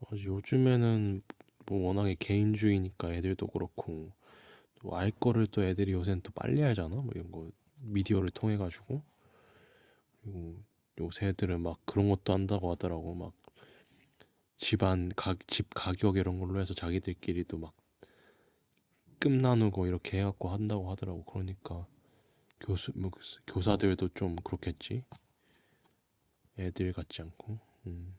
맞아, 요즘에는 뭐 워낙에 개인주의니까 애들도 그렇고 또 알 거를 또 애들이 요새는 또 빨리 알잖아 뭐 이런 거 미디어를 통해 가지고. 그리고 요새 애들은 막 그런 것도 한다고 하더라고. 막 집 가격 이런 걸로 해서 자기들끼리도 막 끔 나누고 이렇게 해갖고 한다고 하더라고. 그러니까 교사들도 좀 그렇겠지. 애들 같지 않고. 음.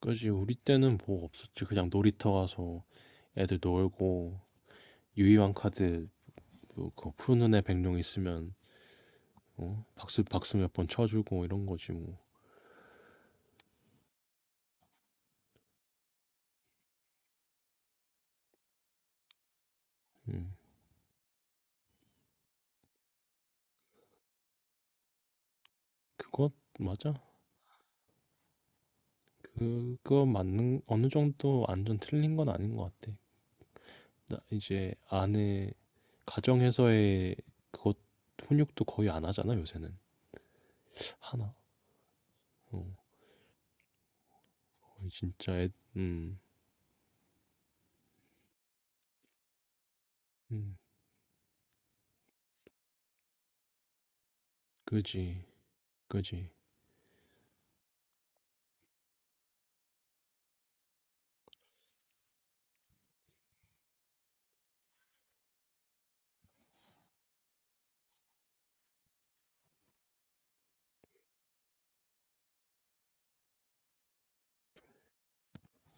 그지, 우리 때는 뭐 없었지. 그냥 놀이터 가서 애들 놀고 유희왕 카드 뭐그 푸른 눈에 백룡 있으면 어? 박수 박수 몇 번 쳐주고 이런 거지 뭐. 음. 그것 맞아. 그거 맞는 어느 정도 완전 틀린 건 아닌 것 같아. 나 이제 아내 가정에서의 그것 훈육도 거의 안 하잖아 요새는 하나. 어, 거의 진짜 애, 음, 음, 그지, 그지.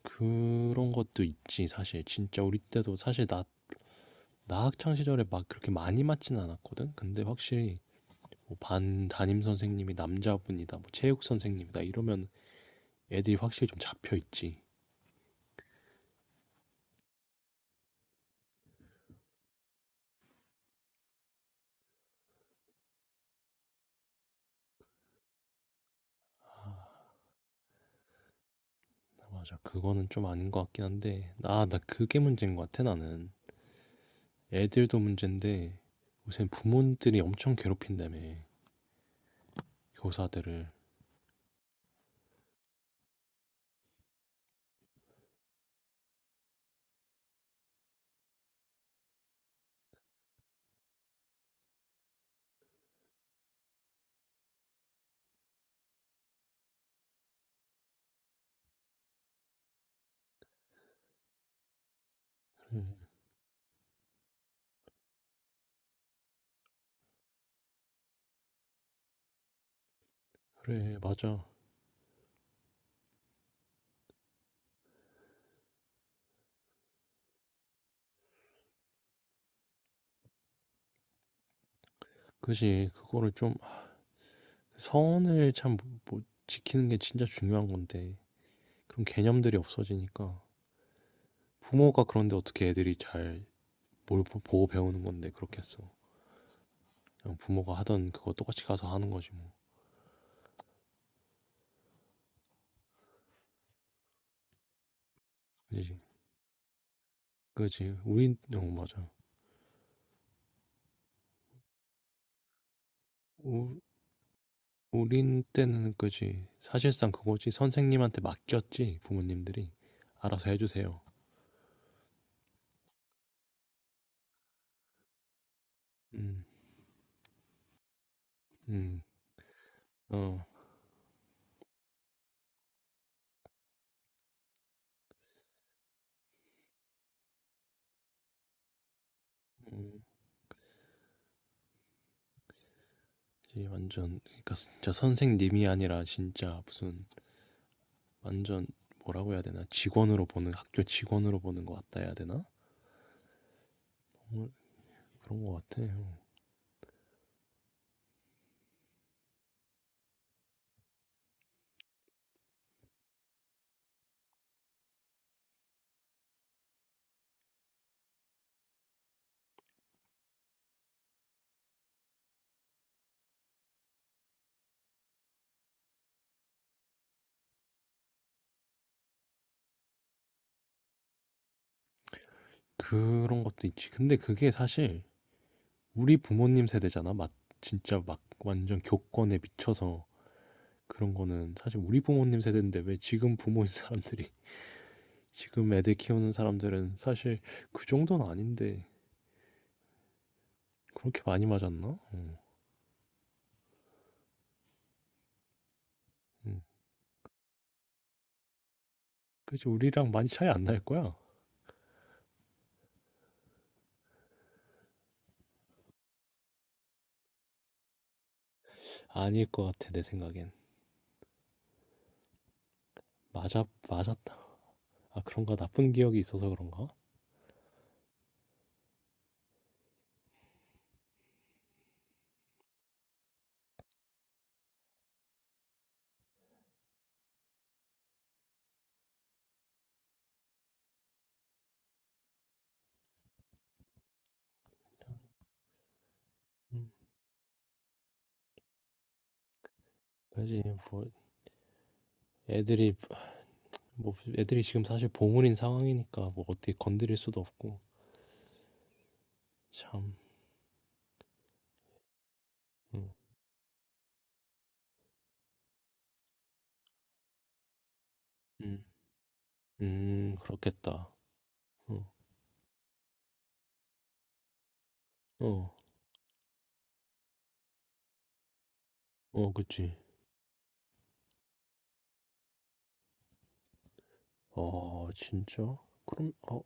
그런 것도 있지 사실. 진짜 우리 때도 사실 나 학창 시절에 막 그렇게 많이 맞진 않았거든. 근데 확실히 뭐 반 담임 선생님이 남자분이다, 뭐 체육 선생님이다 이러면 애들이 확실히 좀 잡혀 있지. 맞아, 그거는 좀 아닌 것 같긴 한데, 아, 나 그게 문제인 것 같아 나는. 애들도 문제인데 요새 부모들이 엄청 괴롭힌다며 교사들을. 그래, 그래, 맞아. 그지, 그거를 좀 아, 선을 참 뭐 지키는 게 진짜 중요한 건데 그런 개념들이 없어지니까 부모가. 그런데 어떻게 애들이 잘 뭘 보고 배우는 건데 그렇겠어. 그냥 부모가 하던 그거 똑같이 가서 하는 거지 뭐. 그지? 그지? 우린 어 맞아. 우 우린 때는 그지. 사실상 그거지. 선생님한테 맡겼지 부모님들이. 알아서 해주세요. 음, 음, 어, 이 완전 그러니까 진짜 선생님이 아니라 진짜 무슨 완전 뭐라고 해야 되나 직원으로 보는 학교 직원으로 보는 것 같다 해야 되나? 정말 그런 것 같아. 그런 것도 있지. 근데 그게 사실 우리 부모님 세대잖아. 막 진짜 막 완전 교권에 미쳐서 그런 거는 사실 우리 부모님 세대인데 왜 지금 부모인 사람들이 지금 애들 키우는 사람들은 사실 그 정도는 아닌데 그렇게 많이 맞았나? 어, 음. 그치 우리랑 많이 차이 안 날 거야. 아닐 것 같아 내 생각엔. 맞아, 맞았다. 아 그런가. 나쁜 기억이 있어서 그런가? 음. 그지, 뭐 애들이 뭐 애들이 지금 사실 보물인 상황이니까 뭐 어떻게 건드릴 수도 없고 참. 음. 음. 그렇겠다. 어. 어. 어, 그치. 아 진짜? 그럼 아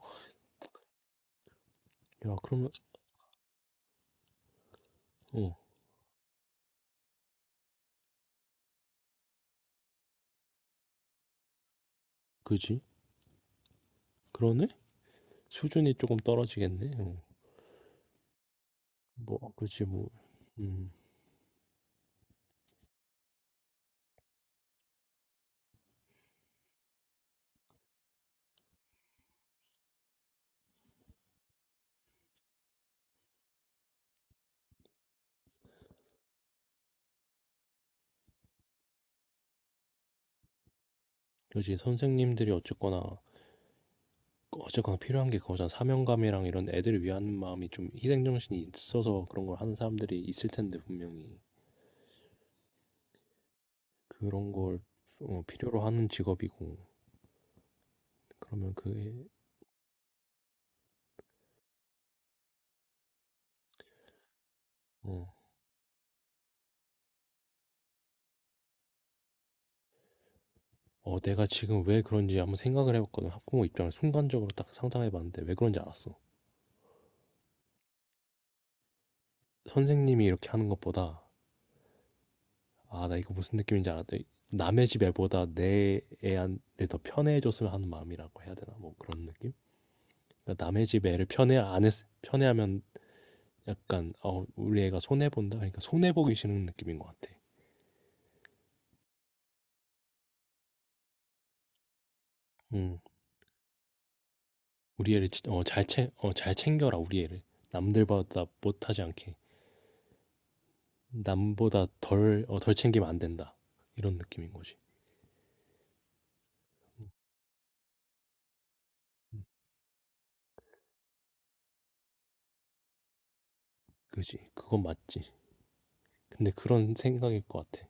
야 그러면 어, 그지? 그러네? 수준이 조금 떨어지겠네. 어. 뭐 그치 뭐 음 그치. 선생님들이 어쨌거나 필요한 게 그거잖아. 사명감이랑 이런 애들을 위하는 마음이 좀 희생 정신이 있어서 그런 걸 하는 사람들이 있을 텐데 분명히. 그런 걸 어 필요로 하는 직업이고. 그러면 그게 어. 어, 내가 지금 왜 그런지 한번 생각을 해봤거든. 학부모 입장을 순간적으로 딱 상상해봤는데 왜 그런지 알았어. 선생님이 이렇게 하는 것보다 아, 나 이거 무슨 느낌인지 알았다. 남의 집 애보다 내 애한더 편애해줬으면 하는 마음이라고 해야 되나? 뭐 그런 느낌? 그러니까 남의 집 애를 편애 안 했, 편애하면 약간 어, 우리 애가 손해 본다. 그러니까 손해 보기 싫은 느낌인 것 같아. 음, 우리 애를 잘 챙겨라 우리 애를. 남들보다 못하지 않게. 남보다 덜 챙기면 안 된다. 이런 느낌인 거지. 음, 그지. 그건 맞지. 근데 그런 생각일 것 같아.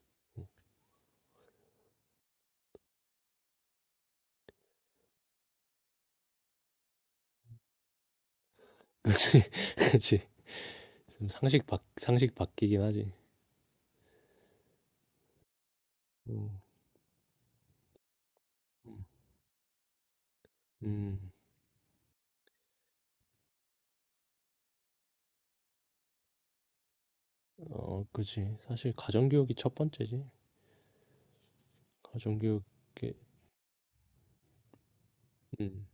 그지. 그지. 좀 상식 바뀌긴 하지. 음, 음, 어, 그지. 사실 가정교육이 첫 번째지. 가정교육에, 음,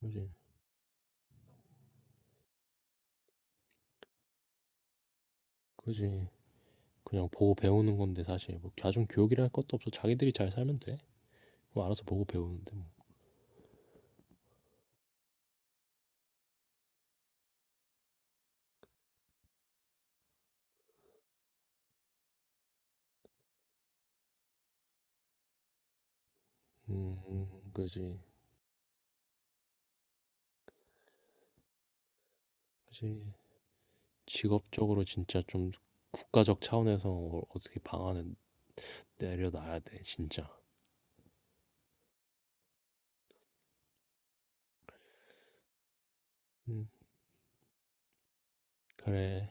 그지. 그지. 그냥 보고 배우는 건데 사실 뭐 가정교육이라 할 것도 없어. 자기들이 잘 살면 돼. 뭐 알아서 보고 배우는데 뭐. 그지. 그지. 직업적으로 진짜 좀 국가적 차원에서 어떻게 방안을 내려놔야 돼, 진짜. 음, 그래.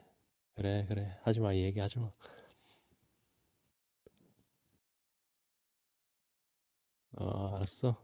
그래, 그래. 하지 마. 이 얘기 하지 마. 어, 알았어.